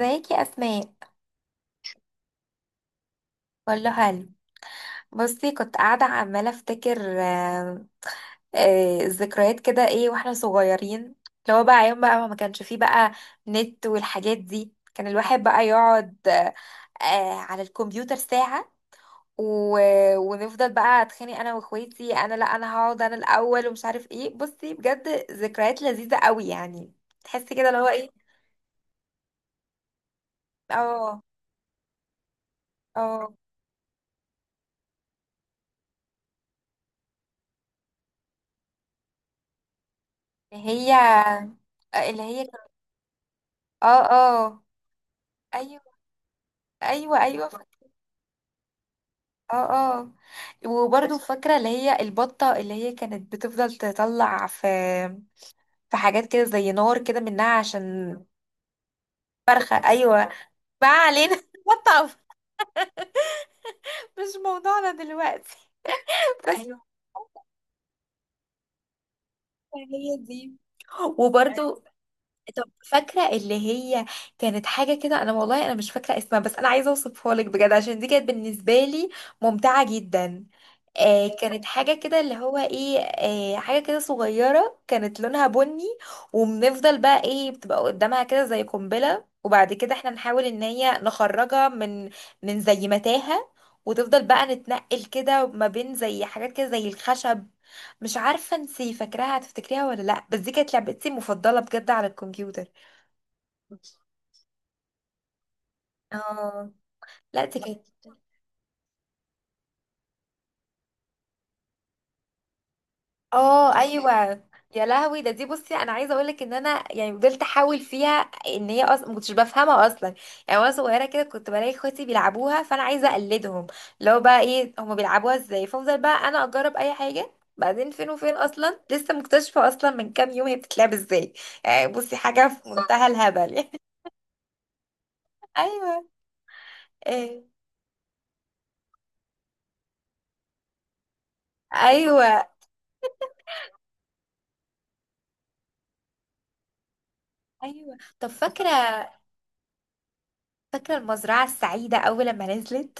ازيك يا اسماء؟ كله حلو. بصي كنت قاعده عماله افتكر. الذكريات كده، ايه واحنا صغيرين. اللي هو بقى ايام بقى ما كانش فيه بقى نت والحاجات دي. كان الواحد بقى يقعد على الكمبيوتر ساعه. و... ونفضل بقى اتخانق انا واخواتي، انا لا انا هقعد انا الاول، ومش عارف ايه. بصي بجد ذكريات لذيذه قوي يعني. تحسي كده اللي هو ايه. اه، اه، اللي هي، اللي هي، اه، اه، أيوة. ايوه، ايوه، اه، اه. وبرضو فاكره اللي هي البطه، اللي هي كانت بتفضل تطلع في في حاجات كده زي نار كده منها عشان. فرخه، ايوه. ما علينا بطه، مش موضوعنا دلوقتي. بس أيوة. هي دي. وبرضو، طب فاكره اللي هي كانت حاجه كده. انا والله انا مش فاكره اسمها، بس انا عايزه اوصفها لك بجد، عشان دي كانت بالنسبه لي ممتعه جدا. كانت حاجة كده اللي هو ايه، حاجة كده صغيرة كانت لونها بني. وبنفضل بقى ايه بتبقى قدامها كده زي قنبلة، وبعد كده احنا نحاول ان هي نخرجها من من زي متاهة. وتفضل بقى نتنقل كده ما بين زي حاجات كده زي الخشب. مش عارفة انتي فاكراها، هتفتكريها ولا لا؟ بس دي كانت لعبتي المفضلة بجد على الكمبيوتر. اه. لا دي كانت. اه. ايوه. يا لهوي ده، دي بصي انا عايزه اقول لك ان انا يعني فضلت احاول فيها، ان هي اصلا ما كنتش بفهمها اصلا. يعني وانا صغيره كده كنت بلاقي اخواتي بيلعبوها، فانا عايزه اقلدهم لو بقى ايه هما بيلعبوها ازاي. فافضل بقى انا اجرب اي حاجه. بعدين فين وفين، اصلا لسه مكتشفه اصلا من كام يوم هي بتتلعب ازاي. يعني بصي حاجه في منتهى الهبل يعني. ايوه. إيه. ايوه، ايوه. طب فاكره، فاكره المزرعه السعيده اول لما نزلت.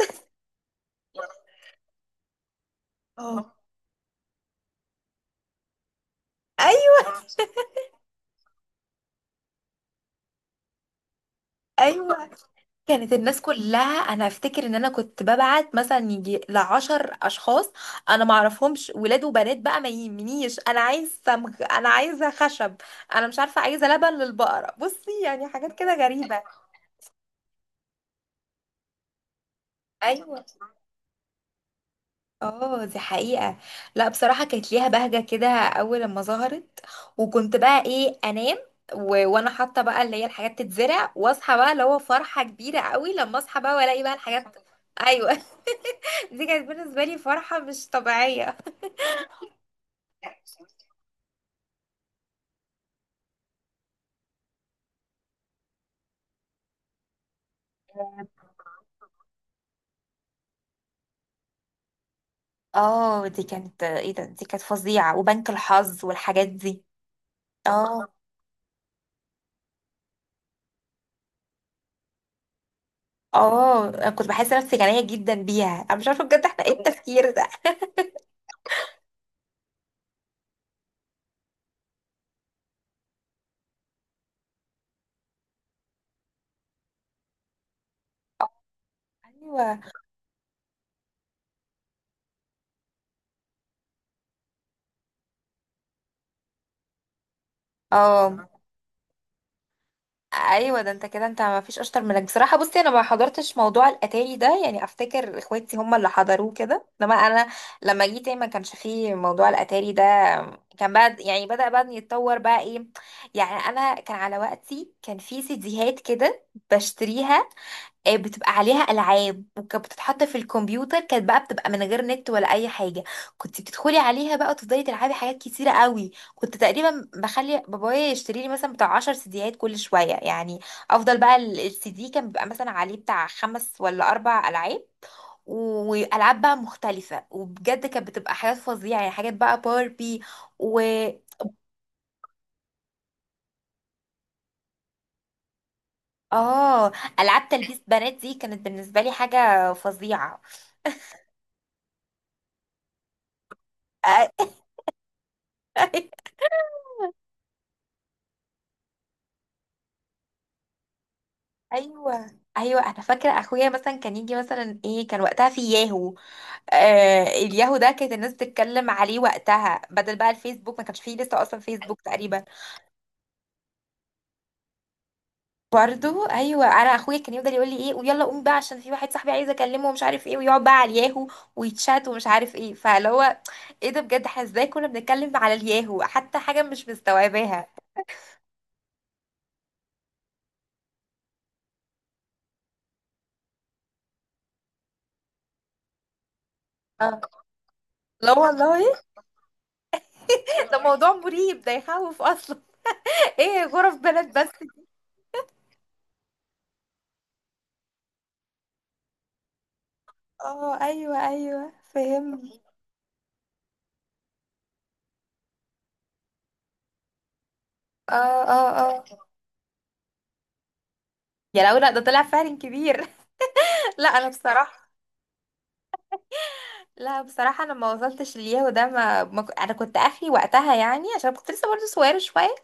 اه. ايوه، ايوه. كانت الناس كلها. انا افتكر ان انا كنت ببعت مثلا يجي لـ 10 اشخاص انا معرفهمش، ولاد وبنات بقى ما يهمنيش. انا عايز سمغ، انا عايزه خشب، انا مش عارفه عايزه لبن للبقره. بصي يعني حاجات كده غريبه. ايوه. اه دي حقيقه. لا بصراحه كانت ليها بهجه كده اول لما ظهرت. وكنت بقى ايه انام وانا حاطه بقى اللي هي الحاجات تتزرع، واصحى بقى اللي هو فرحه كبيره قوي لما اصحى بقى والاقي بقى الحاجات. ايوه. دي كانت بالنسبة لي فرحة مش طبيعية. اه دي كانت، ايه ده، دي كانت فظيعة. وبنك الحظ والحاجات دي. اه. اه، أنا كنت بحس نفسي غنية جدا بيها. انا مش عارفة بجد، احنا ايه التفكير ده. ايوه. اه. ايوه ده، انت كده انت ما فيش اشطر منك بصراحه. بصي انا ما حضرتش موضوع الاتاري ده، يعني افتكر اخواتي هم اللي حضروه كده، انما انا لما جيت ما كانش فيه موضوع الاتاري ده. كان بقى يعني بدا بقى يتطور بقى ايه. يعني انا كان على وقتي كان في سيديهات كده بشتريها. بتبقى عليها العاب، وكانت بتتحط في الكمبيوتر. كانت بقى بتبقى من غير نت ولا اي حاجه. كنت بتدخلي عليها بقى وتفضلي تلعبي حاجات كتيره قوي. كنت تقريبا بخلي بابايا يشتري لي مثلا بتاع 10 سيديات كل شويه يعني. افضل بقى السي دي كان بيبقى مثلا عليه بتاع خمس ولا اربع العاب. والعاب بقى مختلفه، وبجد كانت بتبقى حاجات فظيعه، يعني حاجات بقى باربي و اه. العاب تلبيس بنات دي كانت بالنسبه لي حاجه فظيعه. ايوه. ايوه انا فاكره اخويا مثلا كان يجي مثلا ايه، كان وقتها في ياهو. الياهو ده كانت الناس بتتكلم عليه وقتها، بدل بقى الفيسبوك ما كانش فيه لسه اصلا فيسبوك تقريبا. برضو ايوه، انا اخويا كان يفضل يقول لي ايه، ويلا قوم بقى عشان في واحد صاحبي عايز اكلمه ومش عارف ايه، ويقعد بقى على الياهو ويتشات ومش عارف ايه. فاللي هو ايه ده بجد، احنا ازاي كنا بنتكلم على الياهو، حتى حاجه مش مستوعباها. اه. لا والله. ده موضوع مريب، ده يخوف اصلا. ايه، غرف بلد بس؟ اه ايوه، ايوه فهمت. اه، اه، اه. يا لو لا، ده طلع فعلا كبير. لا انا بصراحه. لا بصراحه انا ما وصلتش للياهو ده، ما, ما ك- انا كنت اخري وقتها يعني، عشان كنت لسه برضه صغيره شويه.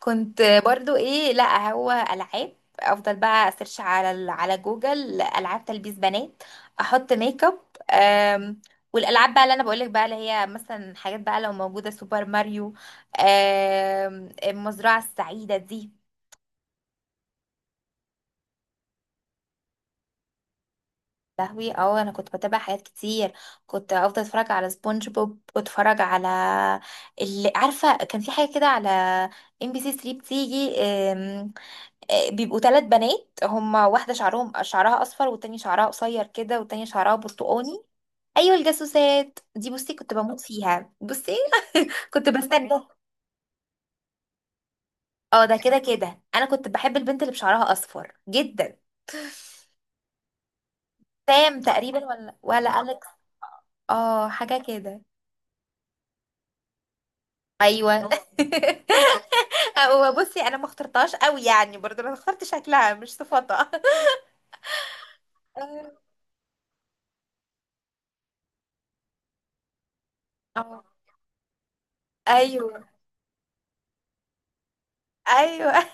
كنت برضه ايه، لا هو العاب. افضل بقى اسيرش على على جوجل العاب تلبيس بنات، احط ميك اب. أم، والالعاب بقى اللي انا بقولك بقى اللي هي مثلا حاجات بقى لو موجوده، سوبر ماريو، المزرعه السعيده دي. لهوي، اه انا كنت بتابع حاجات كتير. كنت افضل اتفرج على سبونج بوب واتفرج على اللي عارفه كان في حاجه كده على ام بي سي 3 بتيجي. أم، آه، بيبقوا ثلاث بنات هما، واحده شعرهم شعرها اصفر، والتانية شعرها قصير كده، والتانية شعرها برتقاني. ايوه، الجاسوسات دي بصي كنت بموت فيها. بصي كنت بستنى. اه ده كده كده. انا كنت بحب البنت اللي بشعرها اصفر جدا. سام تقريبا ولا اليكس. اه حاجه كده. ايوه. هو بصي انا ما اخترتهاش قوي يعني، برضه انا اخترت شكلها مش صفاتها. اه. آه. ايوه. ايوه.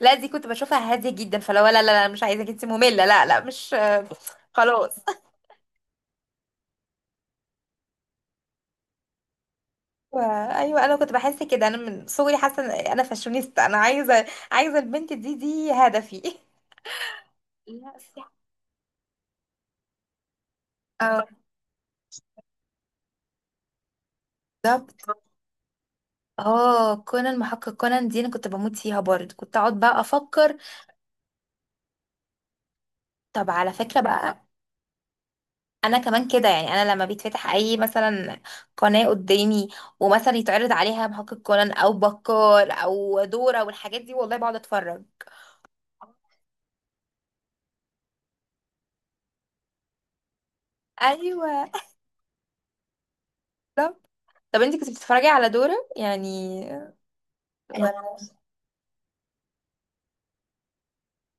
لا دي كنت بشوفها هاديه جدا، فلو لا لا لا مش عايزاك انت ممله. لا لا مش. خلاص. ايوه. أيوة، انا كنت بحس كده انا من صغري حاسه إن انا فاشونيستا، انا عايزه، عايزه البنت دي دي هدفي. لا صح. اه بالظبط. اه كونان، محقق كونان دي انا كنت بموت فيها برضه. كنت اقعد بقى افكر. طب على فكره بقى، انا كمان كده يعني. انا لما بيتفتح اي مثلا قناه قدامي، ومثلا يتعرض عليها محقق كونان او بكار او دورة والحاجات دي، والله بقعد اتفرج. ايوه. طب، طب انت كنت بتتفرجي على دورة يعني؟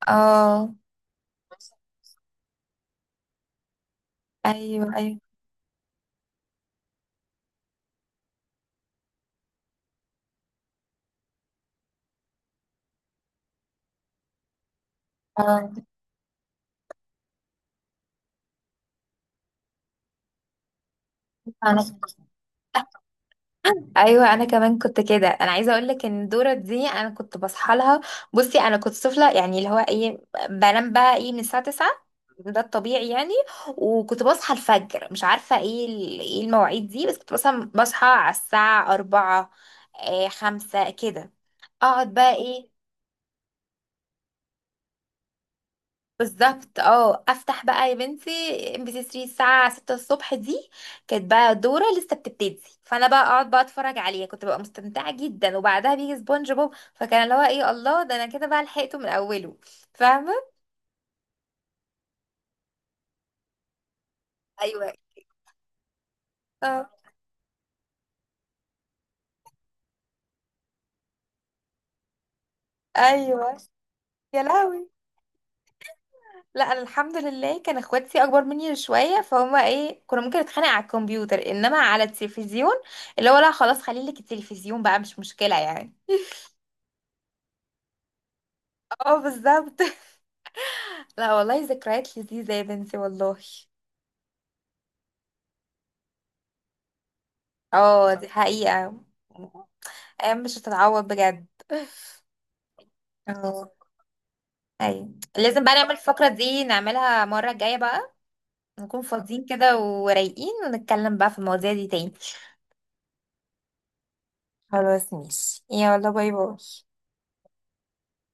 اه. ايوه، ايوه. اه. ايوه انا كمان كنت كده. انا عايزه اقول لك ان دورة دي انا كنت بصحى لها. بصي انا كنت طفله يعني، اللي هو ايه، بنام بقى ايه من الساعه 9، ده الطبيعي يعني. وكنت بصحى الفجر، مش عارفه ايه ايه المواعيد دي، بس كنت مثلا بصحى على الساعه 4، 5 كده. اقعد بقى ايه. بالظبط. اه افتح بقى يا بنتي، ام بي سي 3 الساعه 6 الصبح دي كانت بقى دوره لسه بتبتدي، فانا بقى اقعد بقى اتفرج عليها كنت ببقى مستمتعه جدا. وبعدها بيجي سبونج بوب، فكان اللي هو ايه الله، ده انا كده بقى لحقته من اوله، فاهمه؟ ايوه. اه. ايوه. يا لهوي. لا انا الحمد لله كان اخواتي اكبر مني شويه، فهم ايه، كنا ممكن نتخانق على الكمبيوتر انما على التلفزيون، اللي هو لا خلاص خليلك التلفزيون بقى مش مشكله يعني. اه بالظبط. لا والله ذكريات لذيذة يا بنتي والله. اه دي حقيقة. ايام مش هتتعوض بجد. اه. ايوه. لازم بقى نعمل الفقرة دي نعملها المرة الجاية بقى، نكون فاضيين كده ورايقين، ونتكلم بقى في المواضيع دي تاني. خلاص ماشي، يلا باي باي.